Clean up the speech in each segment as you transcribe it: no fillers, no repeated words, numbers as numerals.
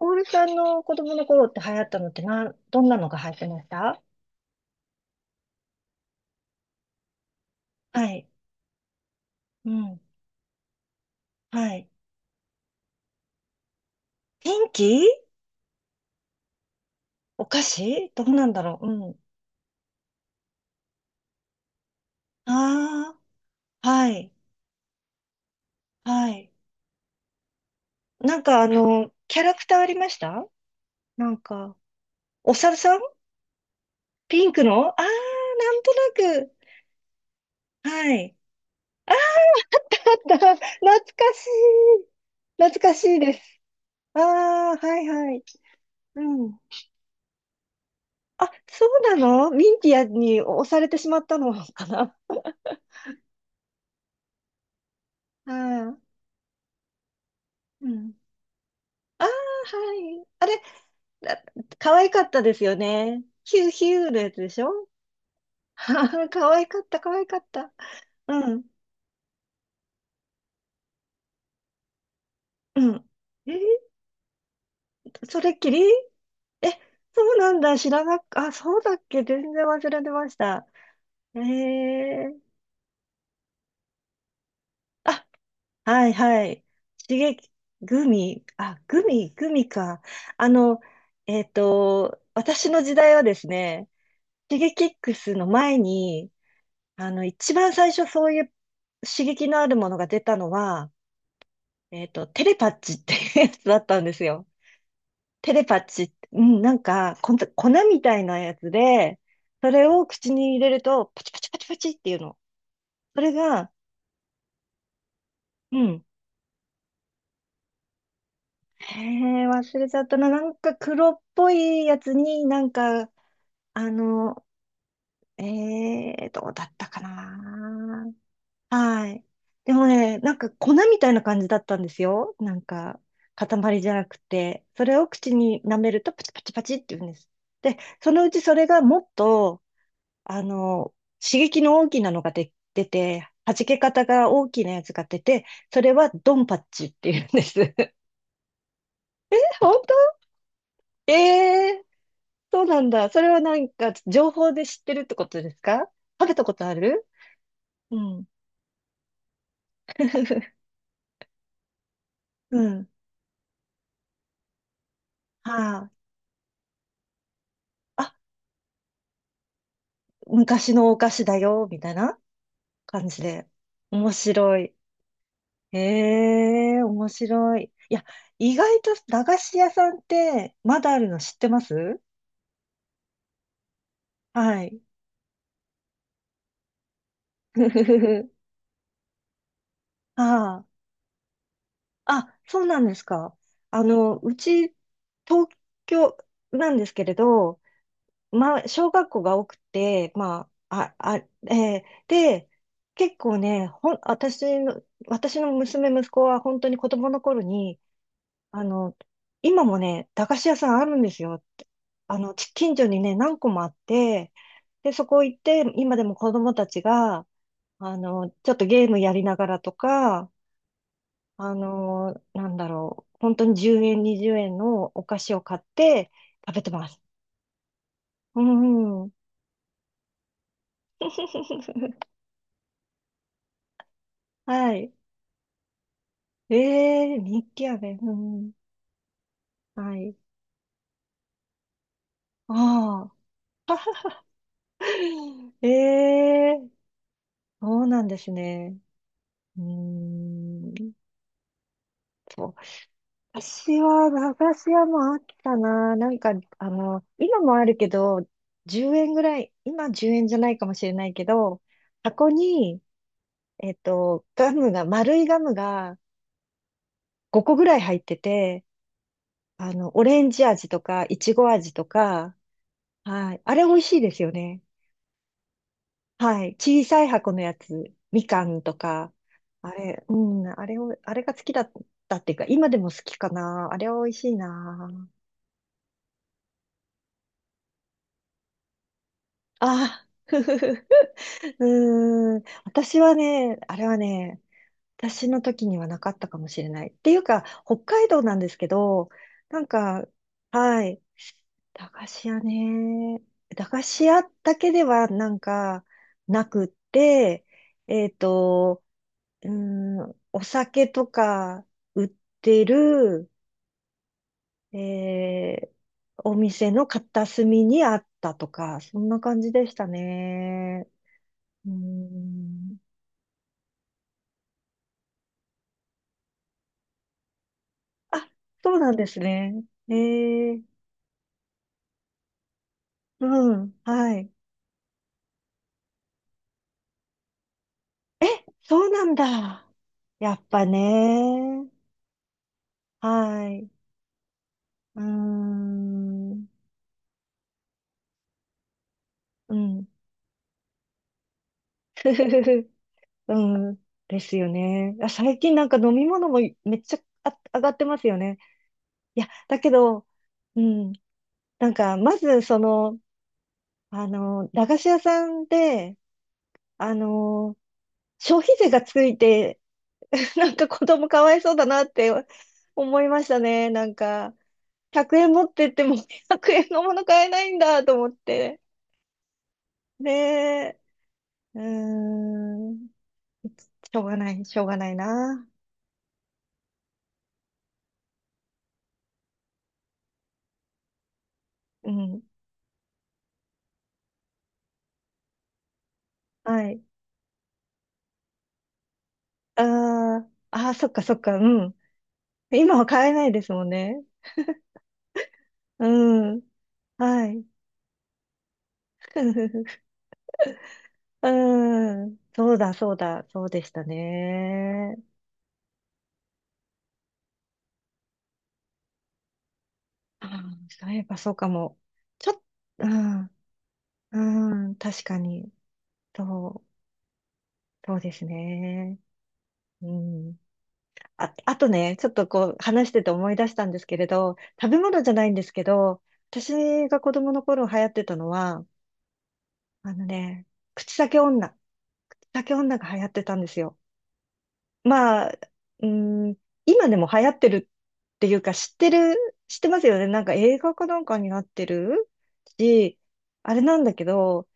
オールさんの子供の頃って流行ったのってどんなのが流行ってました？はい。うん。はい。天気。お菓子どうなんだろう、うん。ああ、はい。はい。なんかキャラクターありました？なんか、お猿さん。ピンクの、ああー、なんとなく。はい。あった、懐かしい。懐かしいです。ああ、はいはい。うん。あ、そうなの？ミンティアに押されてしまったのかな。うん。ああ、はい。あれ、あ、可愛かったですよね。ヒューヒューのやつでしょ？ 可愛かった、可愛かった。うん、うん。えー、それっきり？え、そうなんだ。知らなか、あ、そうだっけ、全然忘れてました。えー、あ、はい、はい。刺激、グミ、あ、グミ、グミか。あの、私の時代はですね、シゲキックスの前に、あの、一番最初そういう刺激のあるものが出たのは、テレパッチっていうやつだったんですよ。テレパッチって、うん、なんか、こん粉みたいなやつで、それを口に入れると、パチパチパチパチっていうの。それが、うん。へえ、忘れちゃったな。なんか黒っぽいやつになんか、あの、えどうだったかな。はい。でもね、なんか粉みたいな感じだったんですよ。なんか、塊じゃなくて。それを口に舐めるとパチパチパチって言うんです。で、そのうちそれがもっと、あの、刺激の大きなのが出て、弾け方が大きなやつが出て、それはドンパッチって言うんです。本当？ええー、そうなんだ。それはなんか、情報で知ってるってことですか？食べたことある？うん。うん。はい、あ。昔のお菓子だよ、みたいな感じで。面白い。ええ、面白い。いや、意外と駄菓子屋さんってまだあるの知ってます？はい。ふふふふ。ああ、あ、そうなんですか。あの、うち、東京なんですけれど、まあ、小学校が多くて、まあ、あ、あ、えーで、結構ね、ほん、私の、私の娘、息子は本当に子供の頃に、あの、今もね、駄菓子屋さんあるんですよ。あの、近所にね、何個もあって、で、そこ行って、今でも子供たちが、あの、ちょっとゲームやりながらとか、あの、なんだろう、本当に10円、20円のお菓子を買って食べてます。うんうん。はい。ええー、日記飴。うん。はい。ああ。ええー、そうなんですね。うーん。そう、私は、駄菓子屋もあったな。なんか、あの、今もあるけど、10円ぐらい、今10円じゃないかもしれないけど、箱に、えっと、ガムが、丸いガムが5個ぐらい入ってて、あの、オレンジ味とか、いちご味とか、はい。あれ美味しいですよね。はい。小さい箱のやつ、みかんとか、あれ、うん、あれを、あれが好きだったっていうか、今でも好きかな。あれは美味しいな。ああ。うーん、私はね、あれはね、私の時にはなかったかもしれない。っていうか、北海道なんですけど、なんか、はい、駄菓子屋ね、駄菓子屋だけではなんかなくって、えっと、うーお酒とか売ってる、えー、お店の片隅にあったとか、そんな感じでしたね。うーん。あ、そうなんですね。ええ、うん、はい。え、そうなんだ。やっぱね。はい。うーん、うん。ふふふふ。うん、ですよね。あ、最近なんか飲み物もめっちゃあ上がってますよね。いや、だけど、うん、なんか、まず、その、あの、駄菓子屋さんで、あの、消費税がついて なんか子供かわいそうだなって思いましたね。なんか、100円持ってっても 100円のもの買えないんだと思って。ねえ、うーん、しょうがない、しょうがないな。うん、はい。あー、あー、そっかそっか、うん。今は買えないですもんね。うん、はい。うん、そうだ、そうだ、そうでしたね。ああ、そういえばそうかも。ちょっと、うん、うん、確かに。そう、そうですね。うん。あ、あとね、ちょっとこう話してて思い出したんですけれど、食べ物じゃないんですけど、私が子供の頃流行ってたのは、あのね、口裂け女。口裂け女が流行ってたんですよ。まあ、うん、今でも流行ってるっていうか、知ってますよね。なんか映画かなんかになってるし、あれなんだけど、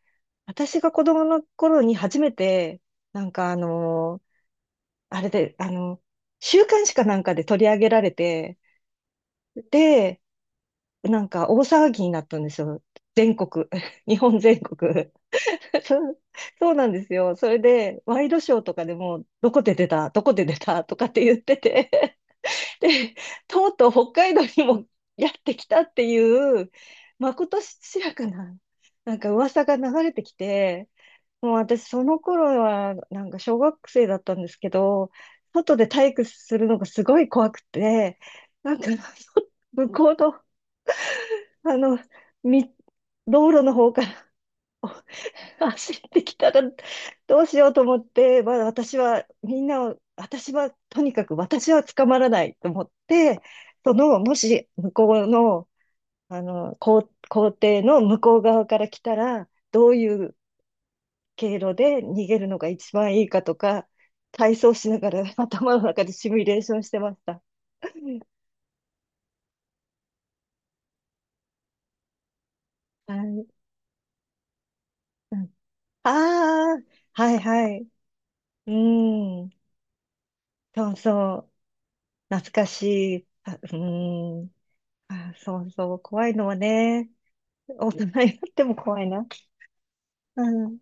私が子供の頃に初めて、なんかあのあれで、あの、週刊誌かなんかで取り上げられて、で、なんか大騒ぎになったんですよ。全国、日本全国。そう、そうなんですよ。それで、ワイドショーとかでも、どこで出た、どこで出たとかって言ってて、で、とうとう北海道にもやってきたっていう、まことしやかな、なんか噂が流れてきて、もう私、その頃は、なんか小学生だったんですけど、外で体育するのがすごい怖くて、なんか、向こうの、あの、み、道路の方から お走ってきたら、どうしようと思って、まだ私は、みんなを、私は、とにかく私は捕まらないと思って、その、もし、向こうの、校庭の向こう側から来たら、どういう経路で逃げるのが一番いいかとか、体操しながら 頭の中でシミュレーションしてました。はい。ああー、はいはい。うん。そうそう。懐かしい。あ、うん。あ、そうそう。怖いのはね、大人になっても怖いな。うん。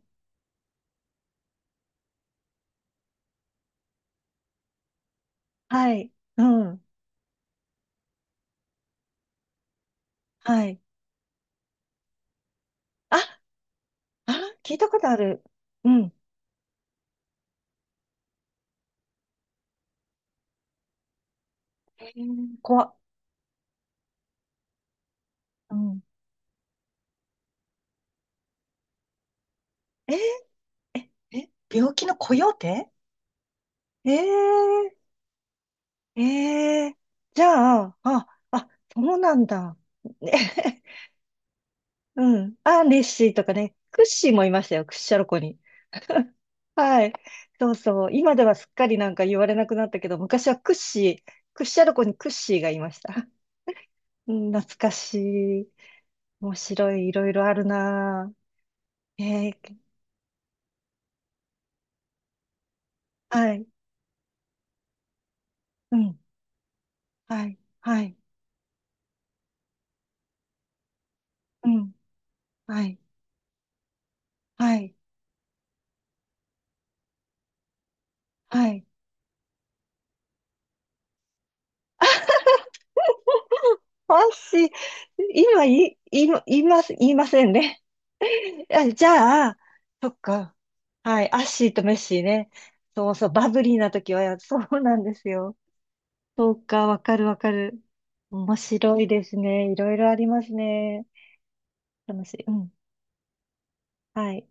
はい。うん。はい。あ、あ、聞いたことある。うん。えー、怖っ。うん。えー、え、え、病気のコヨーテ？えー、ええ、じゃあ、あ、あ、そうなんだ。ね、うん。あ、ネッシーとかね、クッシーもいましたよ、クッシャロコに。はい。そうそう。今ではすっかりなんか言われなくなったけど、昔はクッシー、クッシャロコにクッシーがいました。うん、懐かしい。面白い、いろいろあるなぁ。えー、はい。うん。はい。はい。うん。はい。はい。はい。私、今、言います、言いませんね。あ、じゃあ、そっか。はい、アッシーとメッシーね。そうそう、バブリーな時は、そうなんですよ。そうか、わかるわかる。面白いですね。いろいろありますね。楽しい。うん。はい。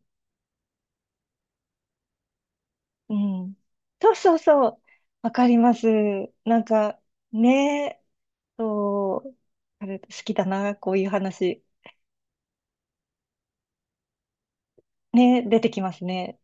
うん。そうそうそう。わかります。なんか、ねえ、そう、あれ好きだな、こういう話。ねえ、出てきますね。